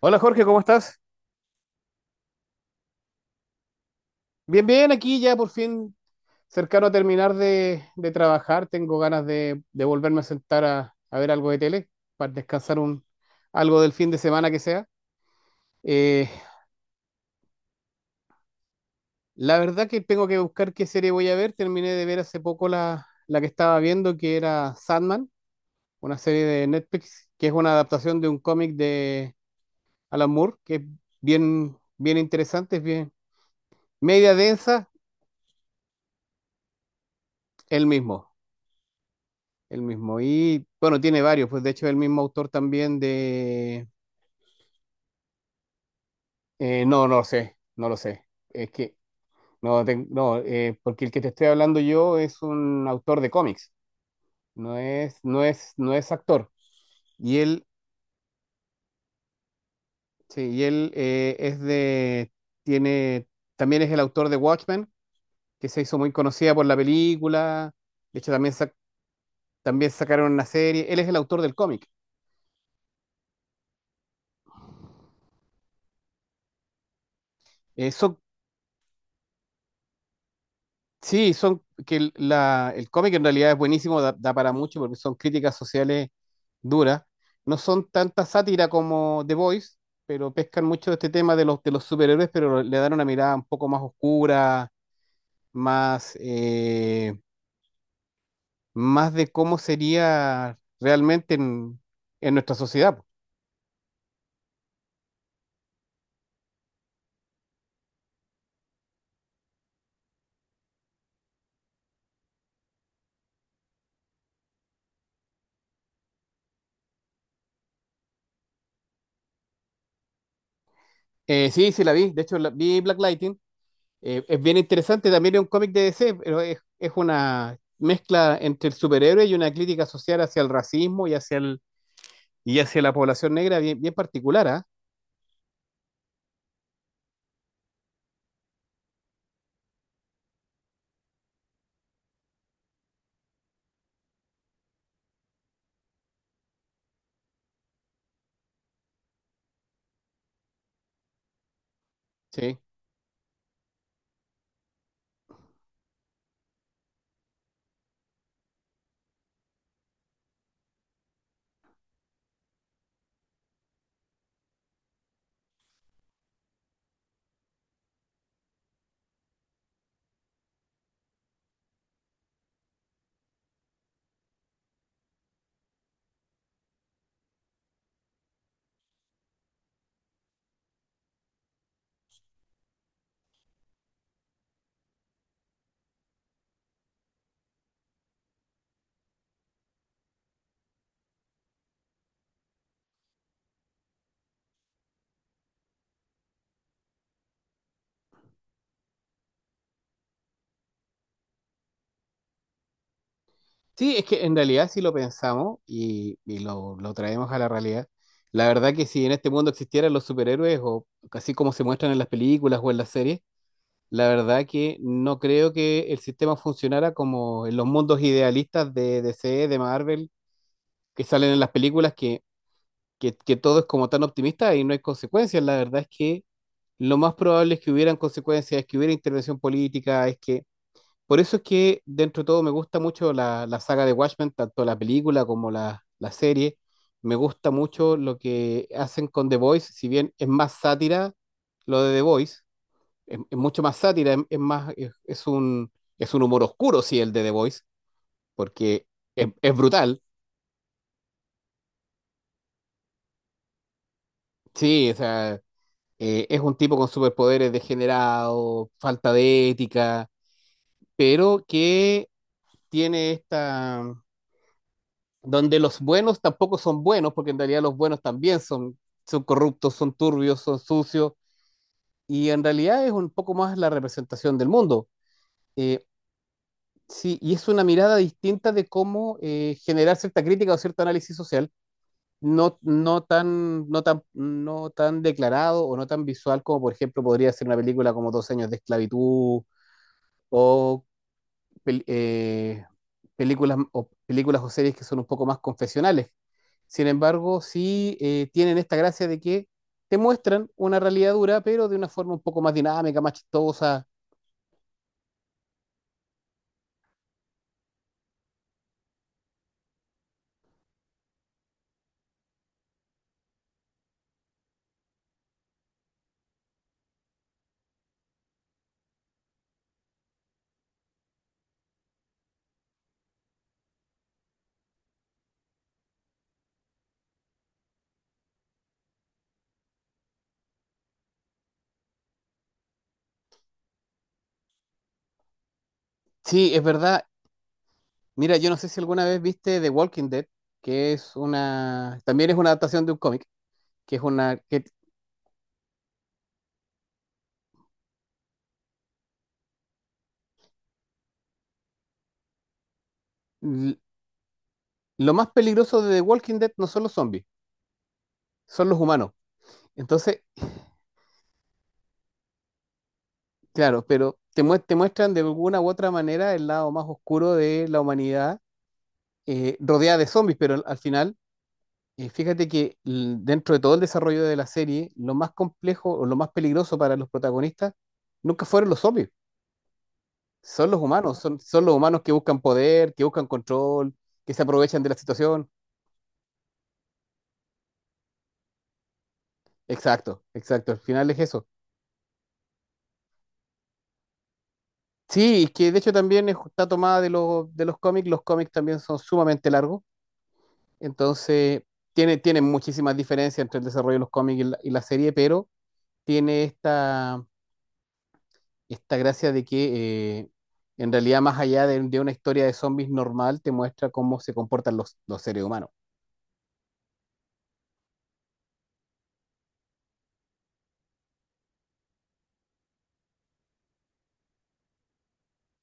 Hola Jorge, ¿cómo estás? Bien, bien, aquí ya por fin cercano a terminar de trabajar. Tengo ganas de volverme a sentar a ver algo de tele para descansar algo del fin de semana que sea. Eh, la verdad que tengo que buscar qué serie voy a ver. Terminé de ver hace poco la que estaba viendo, que era Sandman, una serie de Netflix, que es una adaptación de un cómic de Alan Moore, que es bien, bien interesante, es bien media densa, el mismo. El mismo. Y bueno, tiene varios, pues de hecho el mismo autor también de... No, no lo sé, no lo sé. Es que, no, porque el que te estoy hablando yo es un autor de cómics, no es, no es, no es actor. Y él, sí, y él es de, tiene, también es el autor de Watchmen, que se hizo muy conocida por la película. De hecho, también, también sacaron una serie. Él es el autor del cómic. Son Sí, son que el cómic en realidad es buenísimo, da, da para mucho porque son críticas sociales duras. No son tanta sátira como The Voice, pero pescan mucho de este tema de de los superhéroes, pero le dan una mirada un poco más oscura, más, más de cómo sería realmente en nuestra sociedad. Po. Sí, sí, la vi. De hecho, vi Black. Es bien interesante, también es un cómic de DC, pero es una mezcla entre el superhéroe y una crítica social hacia el racismo y hacia, el, y hacia la población negra bien, bien particular, ¿ah? Sí. Sí, es que en realidad si lo pensamos y lo traemos a la realidad, la verdad que si en este mundo existieran los superhéroes o así como se muestran en las películas o en las series, la verdad que no creo que el sistema funcionara como en los mundos idealistas de DC, de Marvel, que salen en las películas, que todo es como tan optimista y no hay consecuencias. La verdad es que lo más probable es que hubieran consecuencias, es que hubiera intervención política, es que... Por eso es que dentro de todo me gusta mucho la saga de Watchmen, tanto la película como la serie. Me gusta mucho lo que hacen con The Voice, si bien es más sátira lo de The Voice, es mucho más sátira, es más, es un humor oscuro, sí, el de The Voice, porque es brutal, sí, o sea, es un tipo con superpoderes degenerado, falta de ética, pero que tiene esta... donde los buenos tampoco son buenos, porque en realidad los buenos también son, son corruptos, son turbios, son sucios, y en realidad es un poco más la representación del mundo. Eh, sí, y es una mirada distinta de cómo generar cierta crítica o cierto análisis social, no, no tan, no tan, no tan declarado o no tan visual como, por ejemplo, podría ser una película como Dos años de esclavitud o pel- eh, películas o películas o series que son un poco más confesionales. Sin embargo, sí tienen esta gracia de que te muestran una realidad dura, pero de una forma un poco más dinámica, más chistosa. Sí, es verdad. Mira, yo no sé si alguna vez viste The Walking Dead, que es una, también es una adaptación de un cómic, que es una, que l- lo más peligroso de The Walking Dead no son los zombies, son los humanos. Entonces, claro, pero te muestran de alguna u otra manera el lado más oscuro de la humanidad rodeada de zombies, pero al al final, fíjate que dentro de todo el desarrollo de la serie, lo más complejo o lo más peligroso para los protagonistas nunca fueron los zombies, son los humanos, son, son los humanos que buscan poder, que buscan control, que se aprovechan de la situación. Exacto, exacto, al final es eso. Sí, y que de hecho también está tomada de de los cómics también son sumamente largos. Entonces, tiene, tiene muchísimas diferencias entre el desarrollo de los cómics y y la serie, pero tiene esta, esta gracia de que en realidad, más allá de una historia de zombies normal, te muestra cómo se comportan los seres humanos.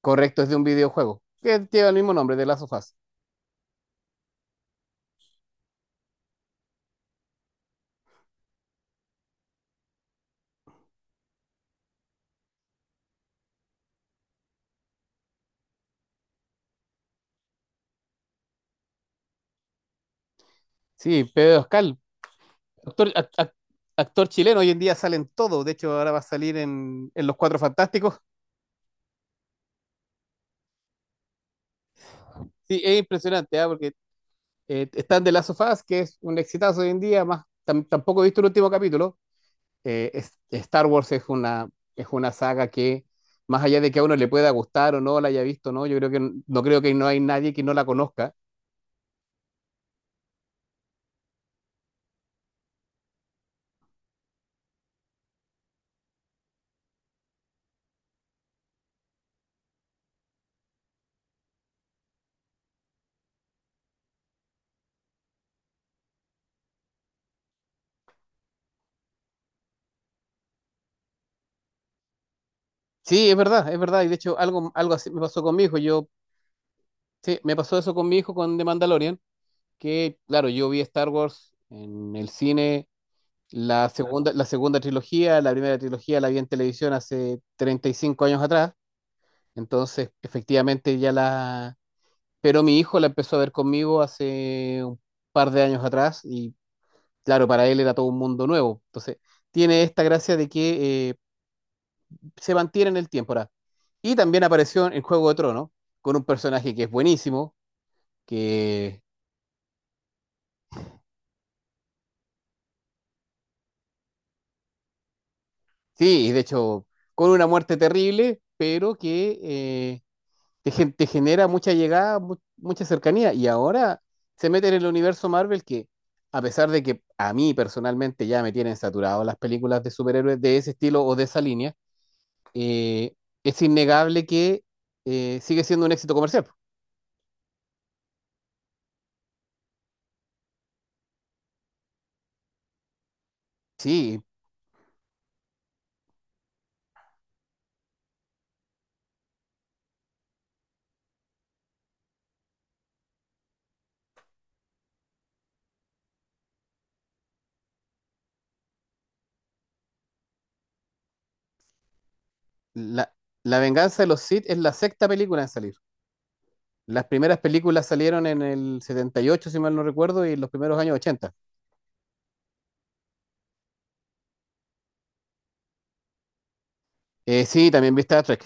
Correcto, es de un videojuego que lleva el mismo nombre, de Last of Us. Sí, Pedro Pascal, actor, ac- ac- actor chileno, hoy en día salen todos, de hecho ahora va a salir en Los Cuatro Fantásticos. Sí, es impresionante, ¿ah? Porque están de Last of Us, que es un exitazo hoy en día, más tampoco he visto el último capítulo, Star Wars es una saga que, más allá de que a uno le pueda gustar o no, la haya visto o no, yo creo que no creo que no hay nadie que no la conozca. Sí, es verdad, es verdad. Y de hecho, algo, algo así me pasó con mi hijo. Yo, sí, me pasó eso con mi hijo con The Mandalorian, que, claro, yo vi Star Wars en el cine, la segunda trilogía, la primera trilogía la vi en televisión hace 35 años atrás. Entonces, efectivamente, ya la... Pero mi hijo la empezó a ver conmigo hace un par de años atrás y claro, para él era todo un mundo nuevo. Entonces, tiene esta gracia de que se mantiene en el tiempo. Ahora. Y también apareció en Juego de Tronos, con un personaje que es buenísimo, que sí, y de hecho, con una muerte terrible, pero que te genera mucha llegada, mucha cercanía. Y ahora se mete en el universo Marvel que, a pesar de que a mí personalmente ya me tienen saturado las películas de superhéroes de ese estilo o de esa línea, eh, es innegable que sigue siendo un éxito comercial. Sí, la, la venganza de los Sith es la sexta película en salir. Las primeras películas salieron en el 78 si mal no recuerdo, y en los primeros años 80. Sí, también viste a Trek.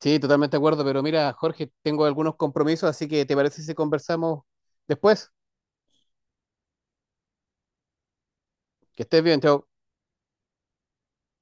Sí, totalmente de acuerdo, pero mira, Jorge, tengo algunos compromisos, así que ¿te parece si conversamos después? Que estés bien, chao.